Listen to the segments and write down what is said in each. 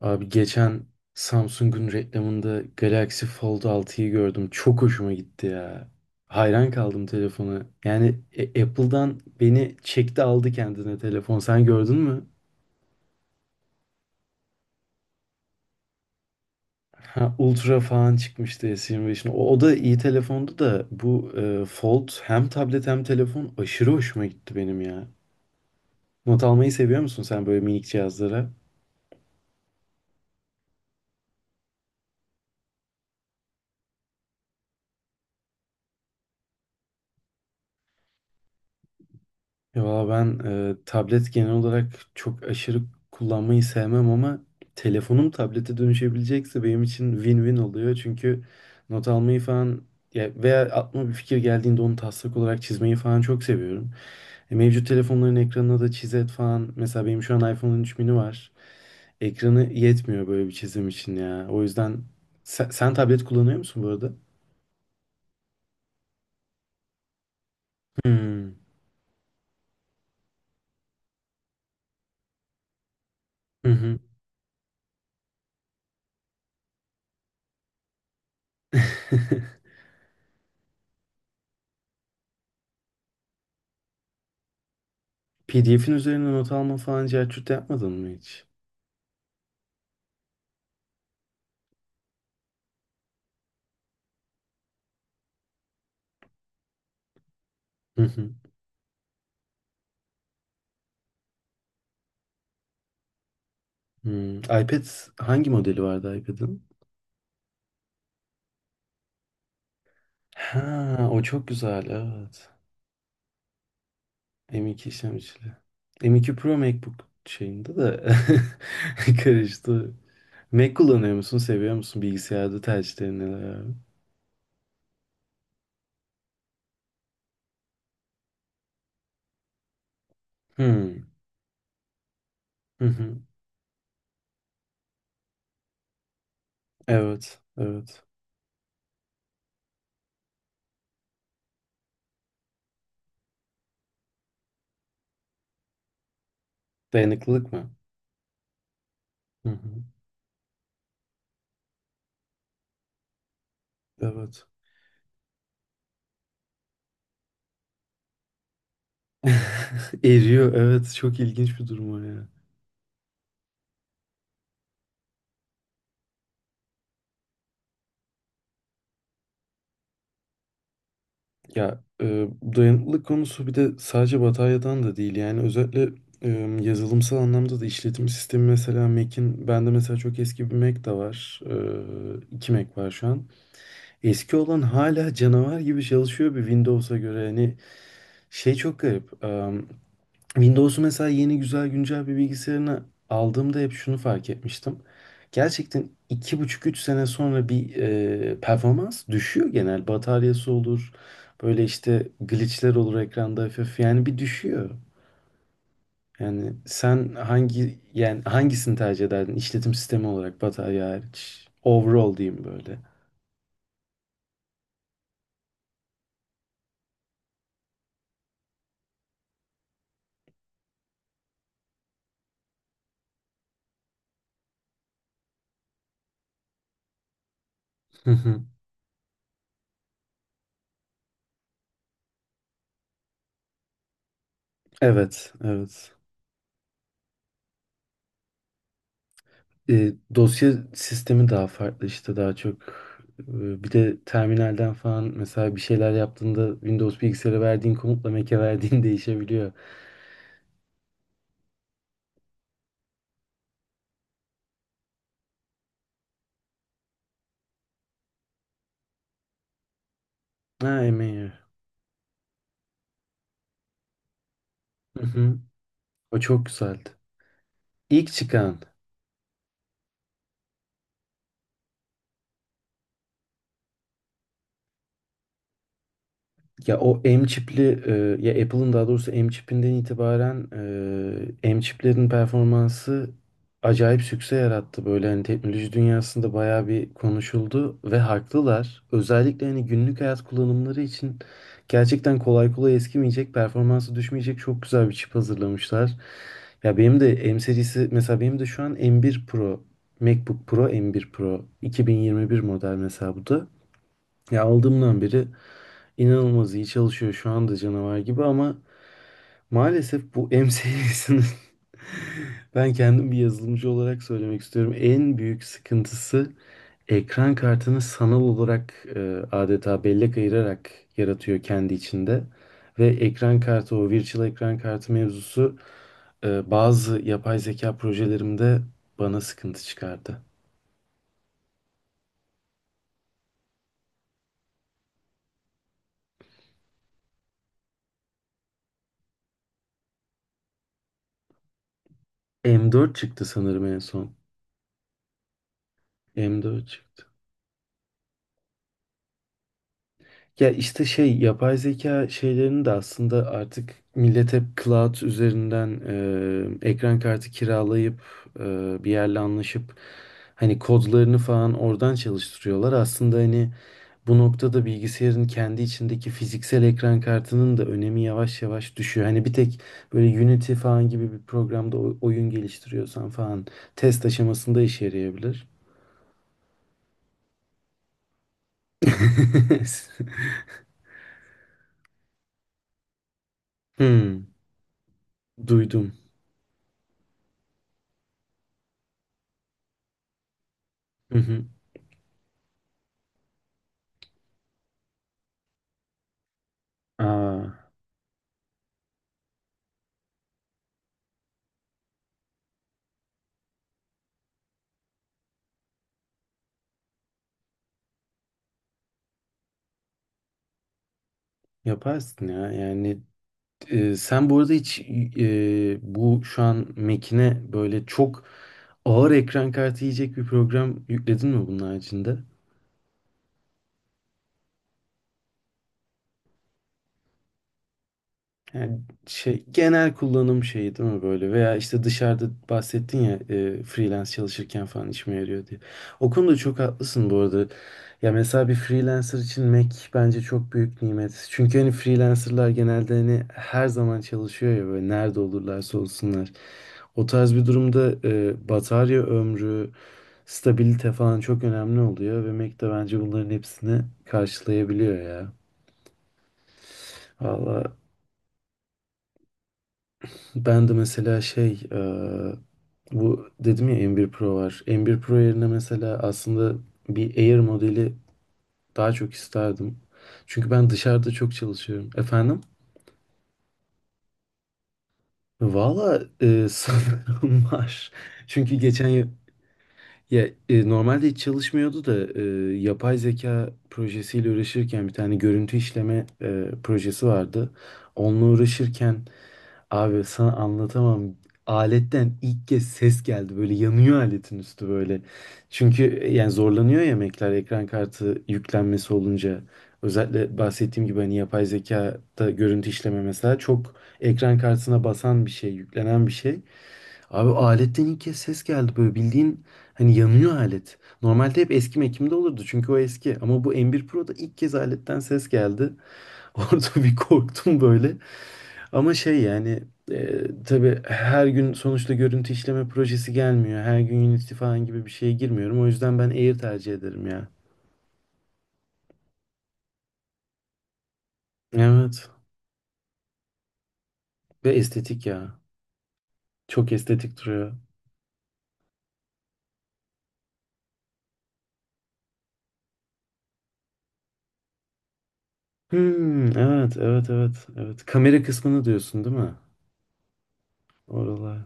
Abi geçen Samsung'un reklamında Galaxy Fold 6'yı gördüm. Çok hoşuma gitti ya. Hayran kaldım telefona. Yani Apple'dan beni çekti aldı kendine telefon. Sen gördün mü? Ha, Ultra falan çıkmıştı S25'in. O da iyi telefondu da bu Fold hem tablet hem telefon aşırı hoşuma gitti benim ya. Not almayı seviyor musun sen böyle minik cihazlara? Ya valla ben tablet genel olarak çok aşırı kullanmayı sevmem ama telefonum tablete dönüşebilecekse benim için win-win oluyor. Çünkü not almayı falan ya veya aklıma bir fikir geldiğinde onu taslak olarak çizmeyi falan çok seviyorum. Mevcut telefonların ekranına da çizet falan. Mesela benim şu an iPhone 13 mini var. Ekranı yetmiyor böyle bir çizim için ya. O yüzden sen tablet kullanıyor musun bu arada? Hmm. Hı hı. PDF'in üzerine not alma falan cahçut yapmadın mı hiç? Hmm, iPad hangi modeli vardı iPad'ın? Ha, o çok güzel evet. M2 işlemcili. M2 Pro MacBook şeyinde de karıştı. Mac kullanıyor musun? Seviyor musun? Bilgisayarda tercihlerin neler, abi? Hmm. Hı hı. Evet. Evet. Dayanıklılık mı? Hı hı. Evet. Eriyor. Evet. Çok ilginç bir durum o ya. Ya dayanıklılık konusu bir de sadece batarya'dan da değil. Yani özellikle e, yazılımsal anlamda da işletim sistemi mesela Mac'in, bende mesela çok eski bir Mac de var. İki Mac var şu an. Eski olan hala canavar gibi çalışıyor bir Windows'a göre. Hani şey çok garip. Windows'u mesela, yeni güzel güncel bir bilgisayarını aldığımda hep şunu fark etmiştim. Gerçekten 2,5-3 sene sonra bir performans düşüyor genel. Bataryası olur, böyle işte glitchler olur ekranda, hafif yani bir düşüyor. Yani sen yani hangisini tercih ederdin işletim sistemi olarak, batarya hariç? Overall diyeyim böyle. Hı hı. Evet, evet. Dosya sistemi daha farklı işte, daha çok. Bir de terminalden falan mesela bir şeyler yaptığında, Windows bilgisayara verdiğin komutla Mac'e verdiğin değişebiliyor. Ha emeği. Hı hı. O çok güzeldi. İlk çıkan. Ya o M çipli ya Apple'ın, daha doğrusu M çipinden itibaren M çiplerin performansı acayip sükse yarattı. Böyle hani teknoloji dünyasında bayağı bir konuşuldu ve haklılar. Özellikle hani günlük hayat kullanımları için gerçekten kolay kolay eskimeyecek, performansı düşmeyecek çok güzel bir çip hazırlamışlar. Ya benim de M serisi mesela, benim de şu an M1 Pro MacBook Pro M1 Pro 2021 model mesela bu da. Ya aldığımdan beri İnanılmaz iyi çalışıyor şu anda, canavar gibi. Ama maalesef bu M serisinin ben kendim bir yazılımcı olarak söylemek istiyorum, en büyük sıkıntısı, ekran kartını sanal olarak adeta bellek ayırarak yaratıyor kendi içinde. Ve ekran kartı, o virtual ekran kartı mevzusu bazı yapay zeka projelerimde bana sıkıntı çıkardı. M4 çıktı sanırım en son. M4 çıktı. Ya işte şey, yapay zeka şeylerini de aslında artık millet hep cloud üzerinden ekran kartı kiralayıp e, bir yerle anlaşıp hani kodlarını falan oradan çalıştırıyorlar. Aslında hani bu noktada bilgisayarın kendi içindeki fiziksel ekran kartının da önemi yavaş yavaş düşüyor. Hani bir tek böyle Unity falan gibi bir programda oyun geliştiriyorsan falan test aşamasında işe yarayabilir. Hmm, duydum. Hı hı. Aa. Yaparsın ya. Yani sen bu arada hiç bu şu an Mac'ine böyle çok ağır ekran kartı yiyecek bir program yükledin mi bunun haricinde? Yani şey, genel kullanım şeyi değil mi böyle? Veya işte dışarıda bahsettin ya freelance çalışırken falan işime yarıyor diye. O konuda çok haklısın bu arada. Ya mesela bir freelancer için Mac bence çok büyük nimet. Çünkü hani freelancerlar genelde hani her zaman çalışıyor ya, böyle nerede olurlarsa olsunlar. O tarz bir durumda batarya ömrü, stabilite falan çok önemli oluyor, ve Mac de bence bunların hepsini karşılayabiliyor ya. Valla ben de mesela şey bu dedim ya, M1 Pro var. M1 Pro yerine mesela aslında bir Air modeli daha çok isterdim. Çünkü ben dışarıda çok çalışıyorum. Efendim? Valla sanırım var. Çünkü geçen ya, normalde hiç çalışmıyordu da yapay zeka projesiyle uğraşırken bir tane görüntü işleme projesi vardı. Onunla uğraşırken, abi, sana anlatamam. Aletten ilk kez ses geldi. Böyle yanıyor aletin üstü böyle. Çünkü yani zorlanıyor ya Mac'ler ekran kartı yüklenmesi olunca. Özellikle bahsettiğim gibi hani yapay zekada görüntü işleme mesela çok ekran kartına basan bir şey, yüklenen bir şey. Abi aletten ilk kez ses geldi, böyle bildiğin hani yanıyor alet. Normalde hep eski Mac'imde olurdu çünkü o eski. Ama bu M1 Pro'da ilk kez aletten ses geldi. Orada bir korktum böyle. Ama şey yani tabii her gün sonuçta görüntü işleme projesi gelmiyor. Her gün Unity falan gibi bir şeye girmiyorum. O yüzden ben Air tercih ederim ya. Evet. Ve estetik ya. Çok estetik duruyor. Hmm, evet, evet, evet, evet. Kamera kısmını diyorsun değil mi? Oralar.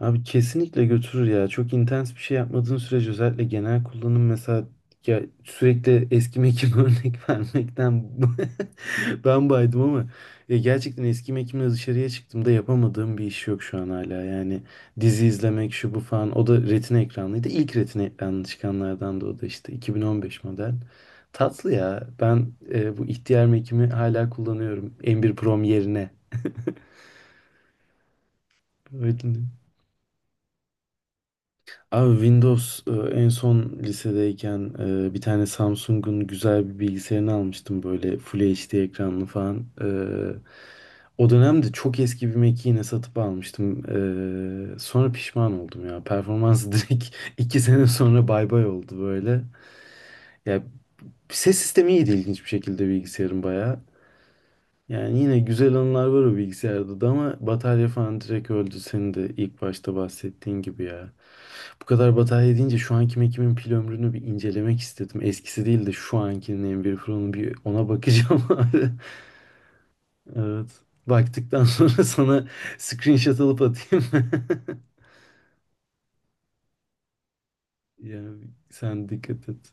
Abi kesinlikle götürür ya. Çok intens bir şey yapmadığın sürece, özellikle genel kullanım mesela, ya sürekli eski mekim örnek vermekten ben baydım ama ya gerçekten eski mekimle dışarıya çıktığımda yapamadığım bir iş yok şu an hala. Yani dizi izlemek şu bu falan, o da retina ekranlıydı. İlk retina ekranlı çıkanlardan, da o da işte 2015 model. Tatlı ya. Ben bu ihtiyar mekimi hala kullanıyorum M1 Prom yerine. Öyle. Abi Windows en son lisedeyken bir tane Samsung'un güzel bir bilgisayarını almıştım, böyle Full HD ekranlı falan. O dönemde çok eski bir Mac'i yine satıp almıştım. Sonra pişman oldum ya. Performansı direkt 2 sene sonra bay bay oldu böyle. Ya ses sistemi iyiydi, ilginç bir şekilde, bilgisayarın bayağı. Yani yine güzel anılar var o bilgisayarda da, ama batarya falan direkt öldü, senin de ilk başta bahsettiğin gibi ya. Bu kadar batarya deyince şu anki Mac'imin pil ömrünü bir incelemek istedim. Eskisi değil de şu ankinin, m Pro'nun, bir ona bakacağım abi. Evet. Baktıktan sonra sana screenshot alıp atayım. Yani sen dikkat et.